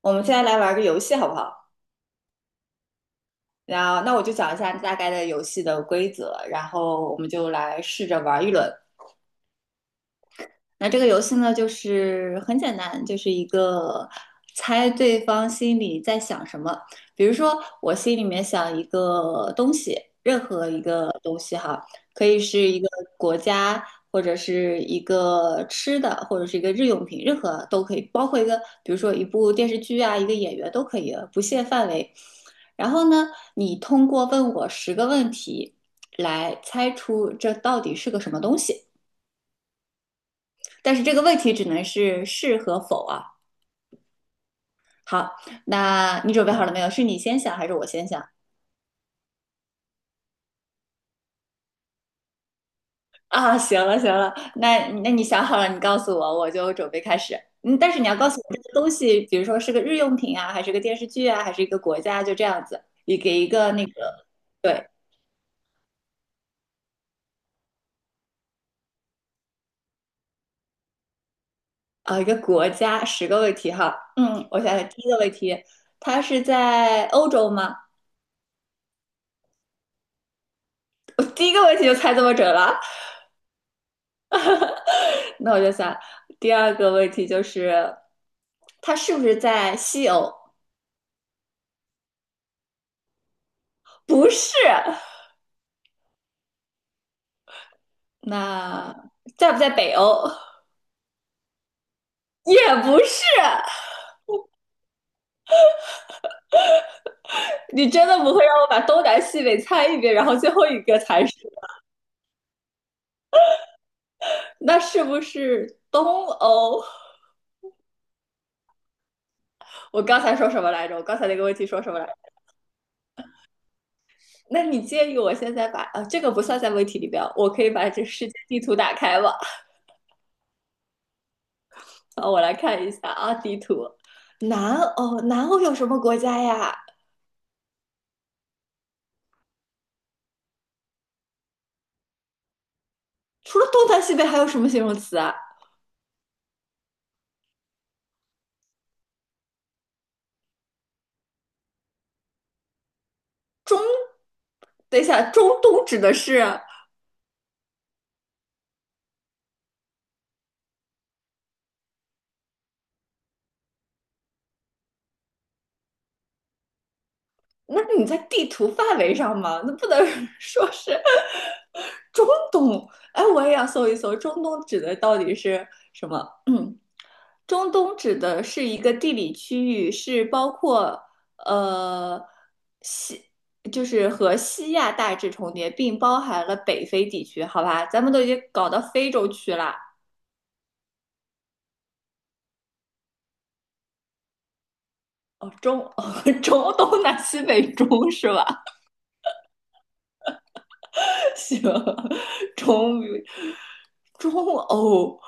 我们现在来玩个游戏好不好？然后，那我就讲一下大概的游戏的规则，然后我们就来试着玩一轮。那这个游戏呢，就是很简单，就是一个猜对方心里在想什么。比如说，我心里面想一个东西，任何一个东西哈，可以是一个国家，或者是一个吃的，或者是一个日用品，任何都可以，包括一个，比如说一部电视剧啊，一个演员都可以，不限范围。然后呢，你通过问我十个问题来猜出这到底是个什么东西。但是这个问题只能是是和否啊。好，那你准备好了没有？是你先想还是我先想啊？行了行了，那你想好了，你告诉我，我就准备开始。嗯，但是你要告诉我这个东西，比如说是个日用品啊，还是个电视剧啊，还是一个国家，就这样子。你给一个那个，对啊，一个国家十个问题哈。嗯，我想想，第一个问题，它是在欧洲吗？我第一个问题就猜这么准了。那我就想，第二个问题就是，它是不是在西欧？不是。那在不在北欧？也不是。你真的不会让我把东南西北猜一遍，然后最后一个才是？那是不是东欧？我刚才说什么来着？我刚才那个问题说什么来着？那你介意我现在把这个不算在问题里边，我可以把这世界地图打开吗？啊，我来看一下啊，地图。南欧，南欧有什么国家呀？除了东南西北还有什么形容词啊？中，等一下，中东指的是那你在地图范围上嘛？那不能 说是中东。哎，我也要搜一搜，中东指的到底是什么？嗯，中东指的是一个地理区域，是包括呃西，就是和西亚大致重叠，并包含了北非地区，好吧？咱们都已经搞到非洲去了。中东南西北中是吧？行，中中欧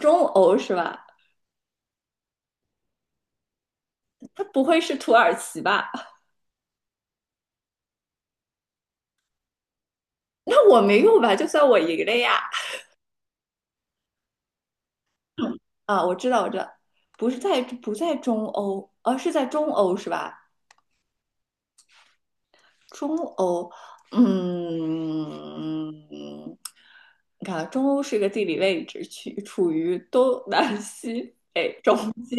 中欧是吧？它不会是土耳其吧？那我没有吧？就算我赢了呀！啊，我知道，我知道，不是在不在中欧，而、啊是在中欧是吧？中欧，嗯，你看啊中欧是一个地理位置，去处于东南西北中间。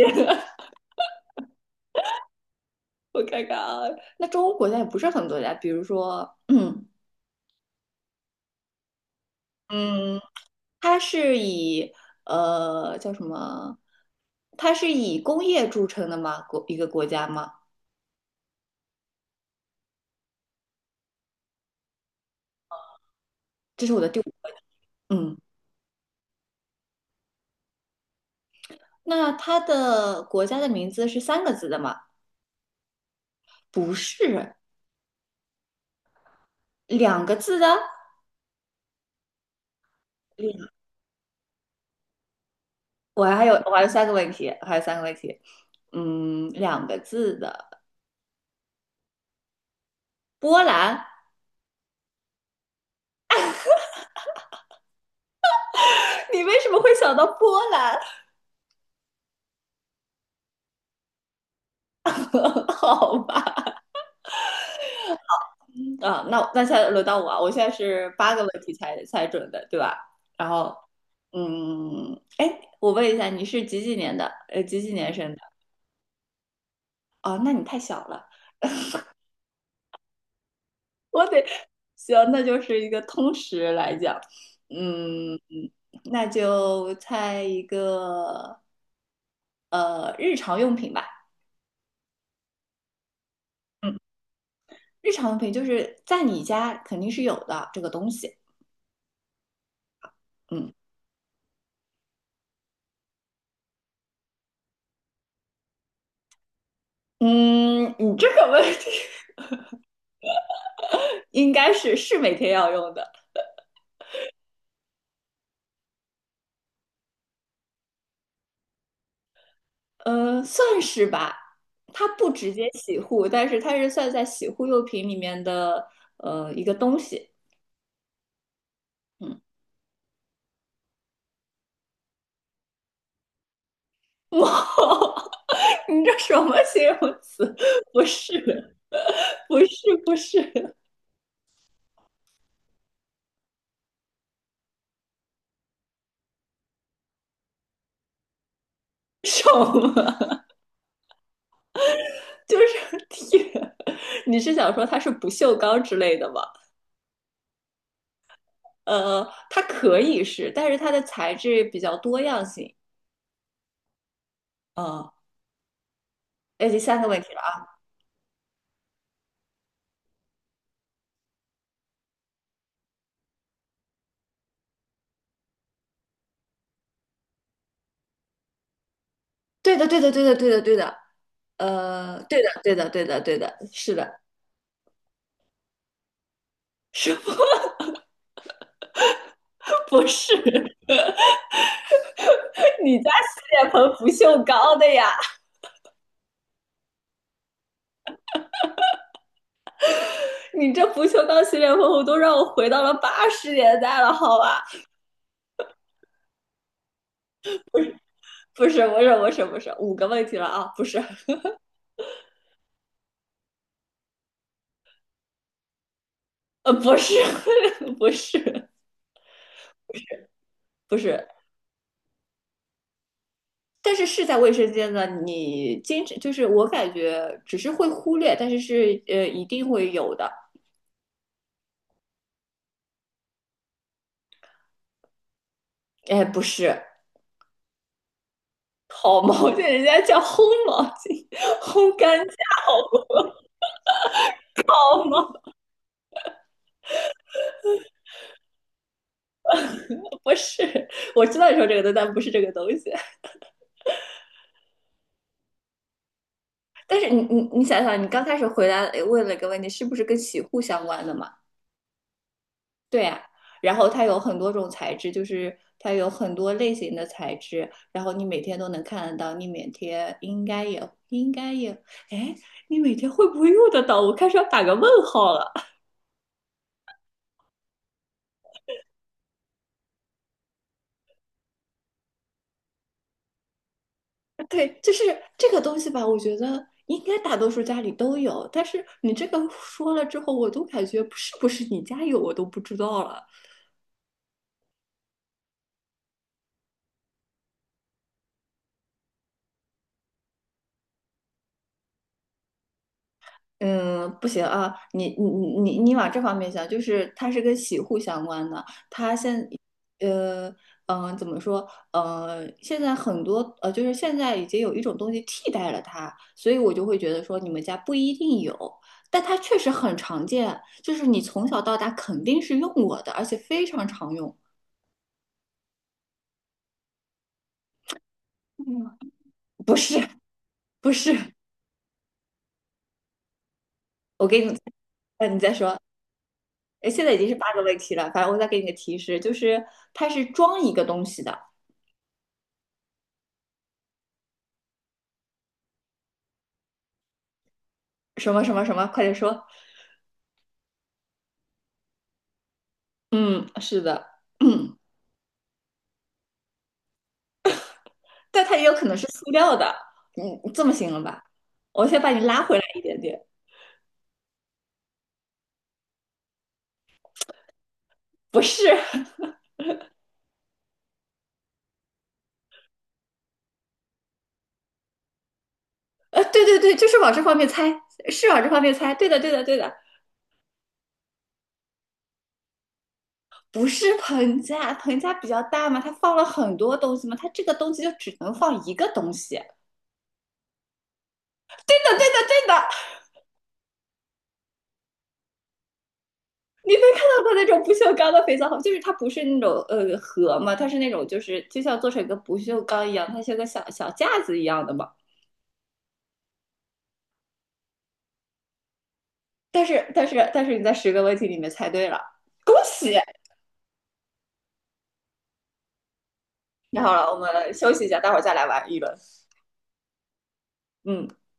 我看看啊，那中欧国家也不是很多家，比如说，嗯嗯，它是以叫什么？它是以工业著称的吗？一个国家吗？这是我的第五，嗯，那它的国家的名字是三个字的吗？不是，两个字的。两，我还有三个问题，我还有三个问题，嗯，两个字的波兰，你为什么会想到波兰？好吧。啊，那那现在轮到我啊，我现在是八个问题才准的，对吧？然后，嗯，哎，我问一下，你是几几年的？几几年生的？哦，那你太小了，我得，行，那就是一个通识来讲，嗯，那就猜一个，呃，日常用品吧，嗯，日常用品就是在你家肯定是有的这个东西，嗯嗯，你这个问题 应该是每天要用的。呃，算是吧。它不直接洗护，但是它是算在洗护用品里面的一个东西。嗯，哇，你这什么形容词？不是，不是，不是，什么？就是天，你是想说它是不锈钢之类的吗？呃，它可以是，但是它的材质比较多样性。嗯，哎，第三个问题了啊。对的，对的，对的，对的，对的。呃，对的，对的，对的，对的，是的。什么 不是？你家洗脸盆不锈钢的呀？你这不锈钢洗脸盆我都让我回到了80年代了，好吧？不是，不是，不是，不是，五个问题了啊！不是，呃，不是，不是，不是，但是是在卫生间的，你经常就是我感觉只是会忽略，但是是一定会有的。哎，不是，好毛巾，人家叫烘毛巾，烘干架，好不好吗？不是我知道你说这个东西，但不是这个东西。但是你想想，你刚开始回答问了一个问题，是不是跟洗护相关的嘛？对呀、啊然后它有很多种材质，就是它有很多类型的材质，然后你每天都能看得到，你每天应该也应该也，哎，你每天会不会用得到？我开始要打个问号了。对，就是这个东西吧，我觉得。应该大多数家里都有，但是你这个说了之后，我都感觉是不是你家有我都不知道了。嗯，不行啊，你往这方面想，就是它是跟洗护相关的，它现呃嗯、呃怎么说呃现在很多就是现在已经有一种东西替代了它，所以我就会觉得说你们家不一定有，但它确实很常见，就是你从小到大肯定是用过的，而且非常常用。嗯，不是不是，我给你，呃，你再说，哎，现在已经是八个问题了，反正我再给你个提示，就是它是装一个东西的。什么什么什么，快点说。嗯，是的，嗯，但它也有可能是塑料的。嗯，这么行了吧，我先把你拉回来一点点。不是，对对对，就是往这方面猜，是往这方面猜。对的，对的，对的，不是盆架，盆架比较大嘛，它放了很多东西嘛，它这个东西就只能放一个东西。对的，对的，对的，看到过那种不锈钢的肥皂盒，就是它不是那种盒嘛，它是那种就是就像做成一个不锈钢一样，它像个小小架子一样的嘛。但是你在十个问题里面猜对了，恭喜！太好了，我们休息一下，待会儿再来玩一轮。嗯。